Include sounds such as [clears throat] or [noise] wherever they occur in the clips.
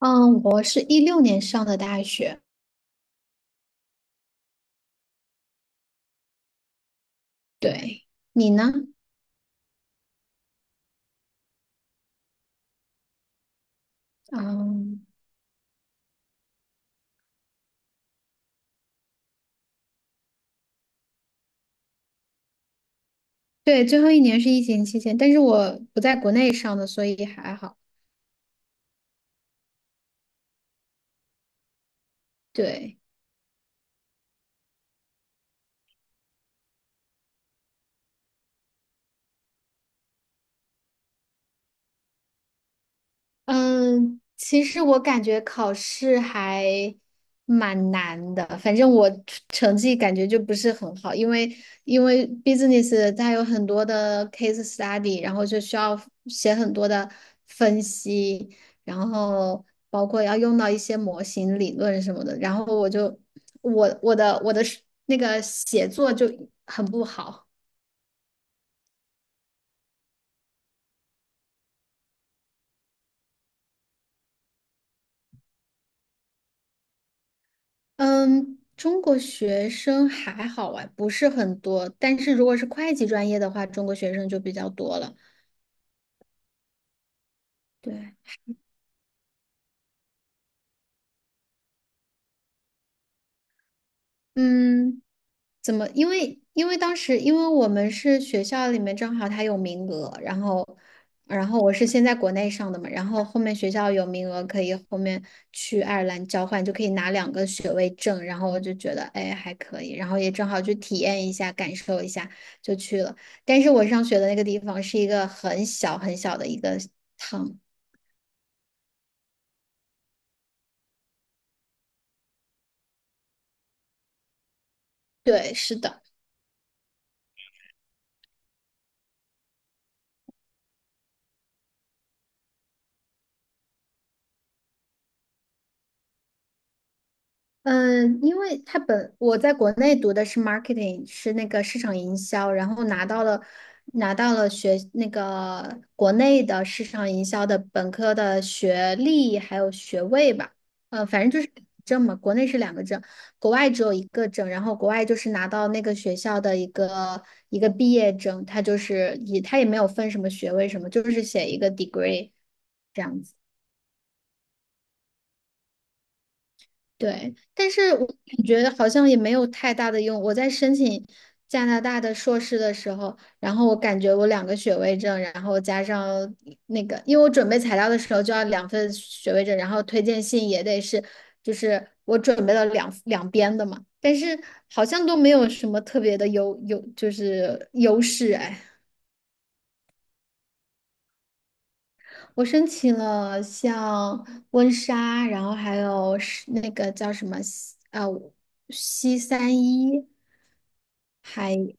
嗯，我是16年上的大学，对，你呢？嗯，对，最后一年是疫情期间，但是我不在国内上的，所以还好。对。嗯，其实我感觉考试还蛮难的，反正我成绩感觉就不是很好，因为 business 它有很多的 case study，然后就需要写很多的分析，然后包括要用到一些模型理论什么的，然后我就我我的我的那个写作就很不好。嗯，中国学生还好啊，不是很多，但是如果是会计专业的话，中国学生就比较多了。对，嗯。怎么？因为当时因为我们是学校里面正好它有名额，然后我是先在国内上的嘛，然后后面学校有名额可以后面去爱尔兰交换，就可以拿两个学位证，然后我就觉得哎还可以，然后也正好去体验一下，感受一下就去了。但是我上学的那个地方是一个很小很小的一个 town，对，是的。嗯，因为他本我在国内读的是 marketing，是那个市场营销，然后拿到了那个国内的市场营销的本科的学历还有学位吧，反正就是证嘛，国内是两个证，国外只有一个证，然后国外就是拿到那个学校的一个毕业证，他就是他也没有分什么学位什么，就是写一个 degree。这样子。对，但是我感觉好像也没有太大的用。我在申请加拿大的硕士的时候，然后我感觉我两个学位证，然后加上那个，因为我准备材料的时候就要两份学位证，然后推荐信也得是，就是我准备了两边的嘛，但是好像都没有什么特别的就是优势哎。我申请了像温莎，然后还有是那个叫什么西三一。还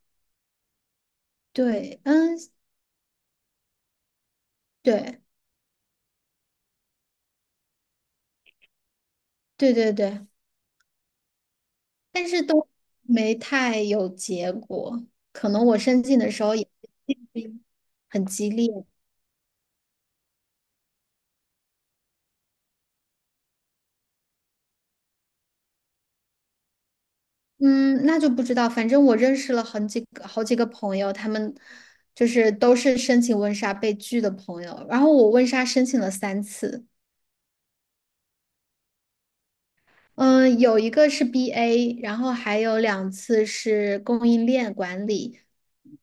对，嗯，对，对对对，但是都没太有结果。可能我申请的时候也 [clears throat] 很激烈，嗯，那就不知道。反正我认识了很几个好几个朋友，他们就是都是申请温莎被拒的朋友。然后我温莎申请了三次，嗯，有一个是 BA，然后还有两次是供应链管理。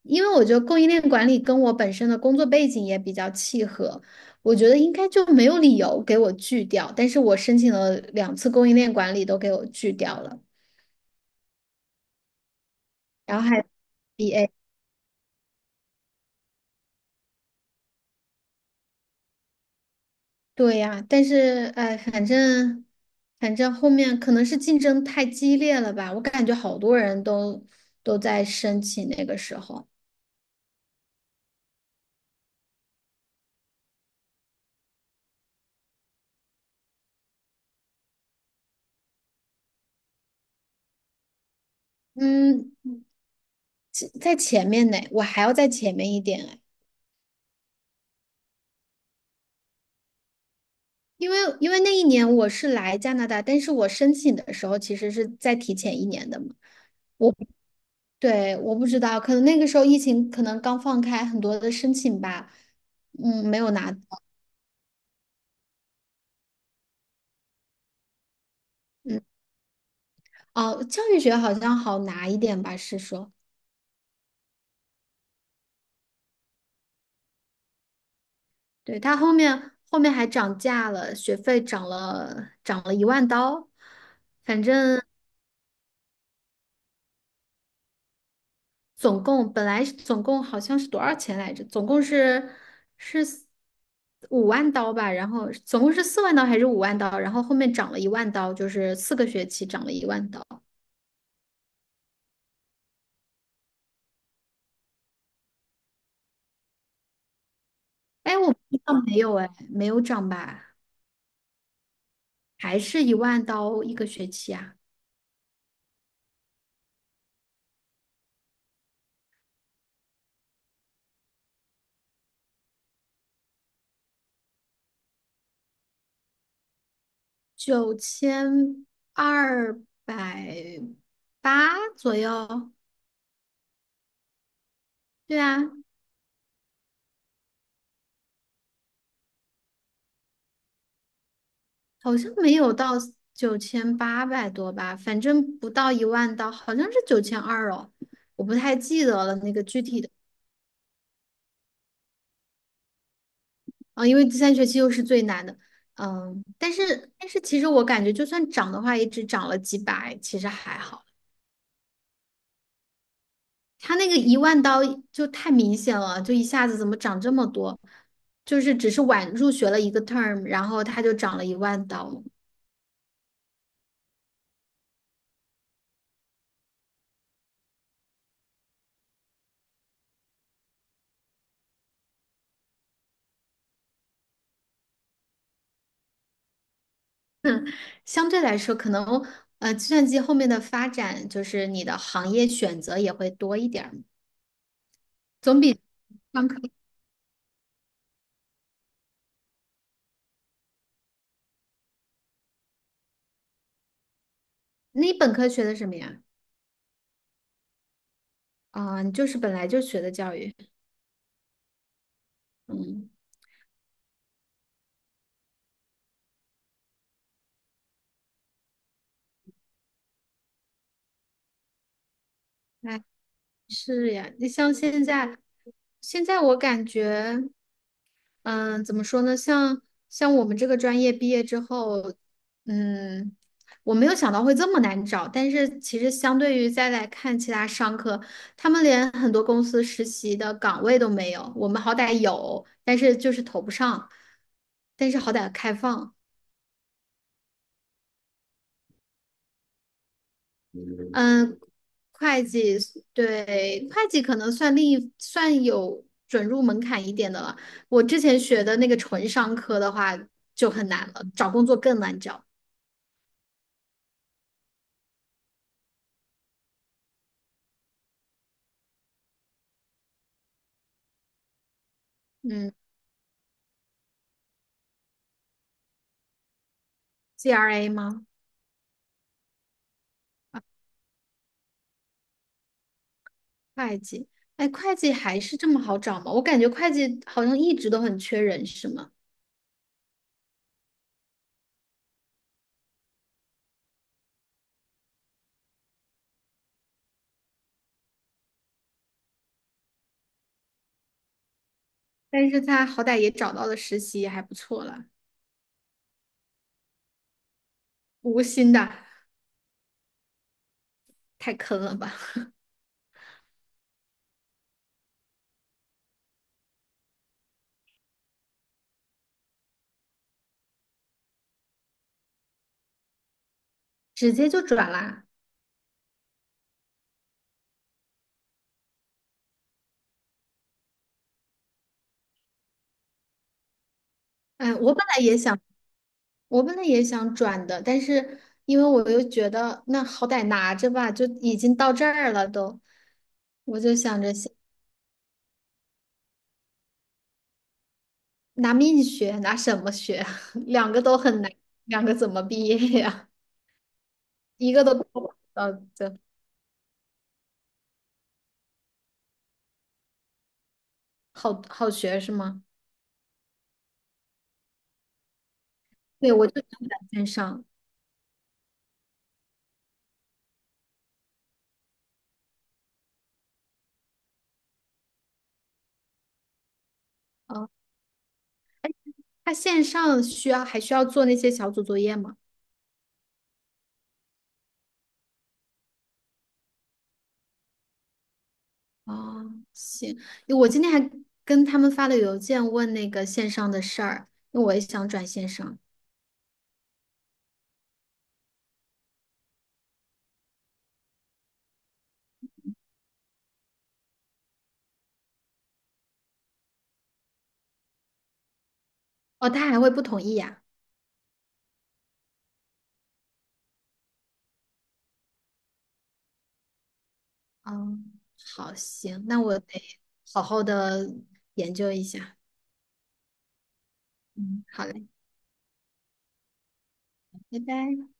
因为我觉得供应链管理跟我本身的工作背景也比较契合，我觉得应该就没有理由给我拒掉。但是我申请了两次供应链管理都给我拒掉了，然后还 BA，对呀，但是哎，反正后面可能是竞争太激烈了吧，我感觉好多人都在申请那个时候，嗯，在前面呢，我还要在前面一点哎因为那一年我是来加拿大，但是我申请的时候其实是再提前一年的嘛。对，我不知道，可能那个时候疫情可能刚放开，很多的申请吧，嗯，没有拿，嗯，哦，教育学好像好拿一点吧，是说，对，它后面还涨价了，学费涨了一万刀，反正总共本来是总共好像是多少钱来着？总共是五万刀吧，然后总共是4万刀还是五万刀？然后后面涨了一万刀，就是4个学期涨了一万刀。哎，我不知道没有哎，没有涨吧？还是一万刀一个学期啊？9280左右。对啊，好像没有到9800多吧，反正不到一万刀，好像是九千二哦，我不太记得了那个具体的啊，因为第三学期又是最难的，嗯，但是其实我感觉就算涨的话，也只涨了几百，其实还好。它那个一万刀就太明显了，就一下子怎么涨这么多？就是只是晚入学了一个 term，然后它就涨了一万刀。相对来说，可能计算机后面的发展就是你的行业选择也会多一点儿，总比上课。你本科学的什么呀？啊、你就是本来就学的教育。嗯，哎，是呀。你像现在，现在我感觉。嗯，怎么说呢？像我们这个专业毕业之后，嗯，我没有想到会这么难找，但是其实相对于再来看其他商科，他们连很多公司实习的岗位都没有，我们好歹有，但是就是投不上，但是好歹开放。嗯，会计对会计可能算另一算有准入门槛一点的了。我之前学的那个纯商科的话就很难了，找工作更难找。嗯 GRA 吗？会计，哎，会计还是这么好找吗？我感觉会计好像一直都很缺人，是吗？但是他好歹也找到了实习，也还不错了。无薪的，太坑了吧，[laughs] 直接就转啦。哎，我本来也想转的，但是因为我又觉得那好歹拿着吧，就已经到这儿了都，我就想着先拿命学，拿什么学？[laughs] 两个都很难，两个怎么毕业呀？一个都。到对。好好学是吗？对，我就想转线上。哦，他线上还需要做那些小组作业吗？哦，行，我今天还跟他们发了邮件问那个线上的事儿，因为我也想转线上。哦，他还会不同意呀？嗯，好，行，那我得好好的研究一下。嗯，好嘞，拜拜。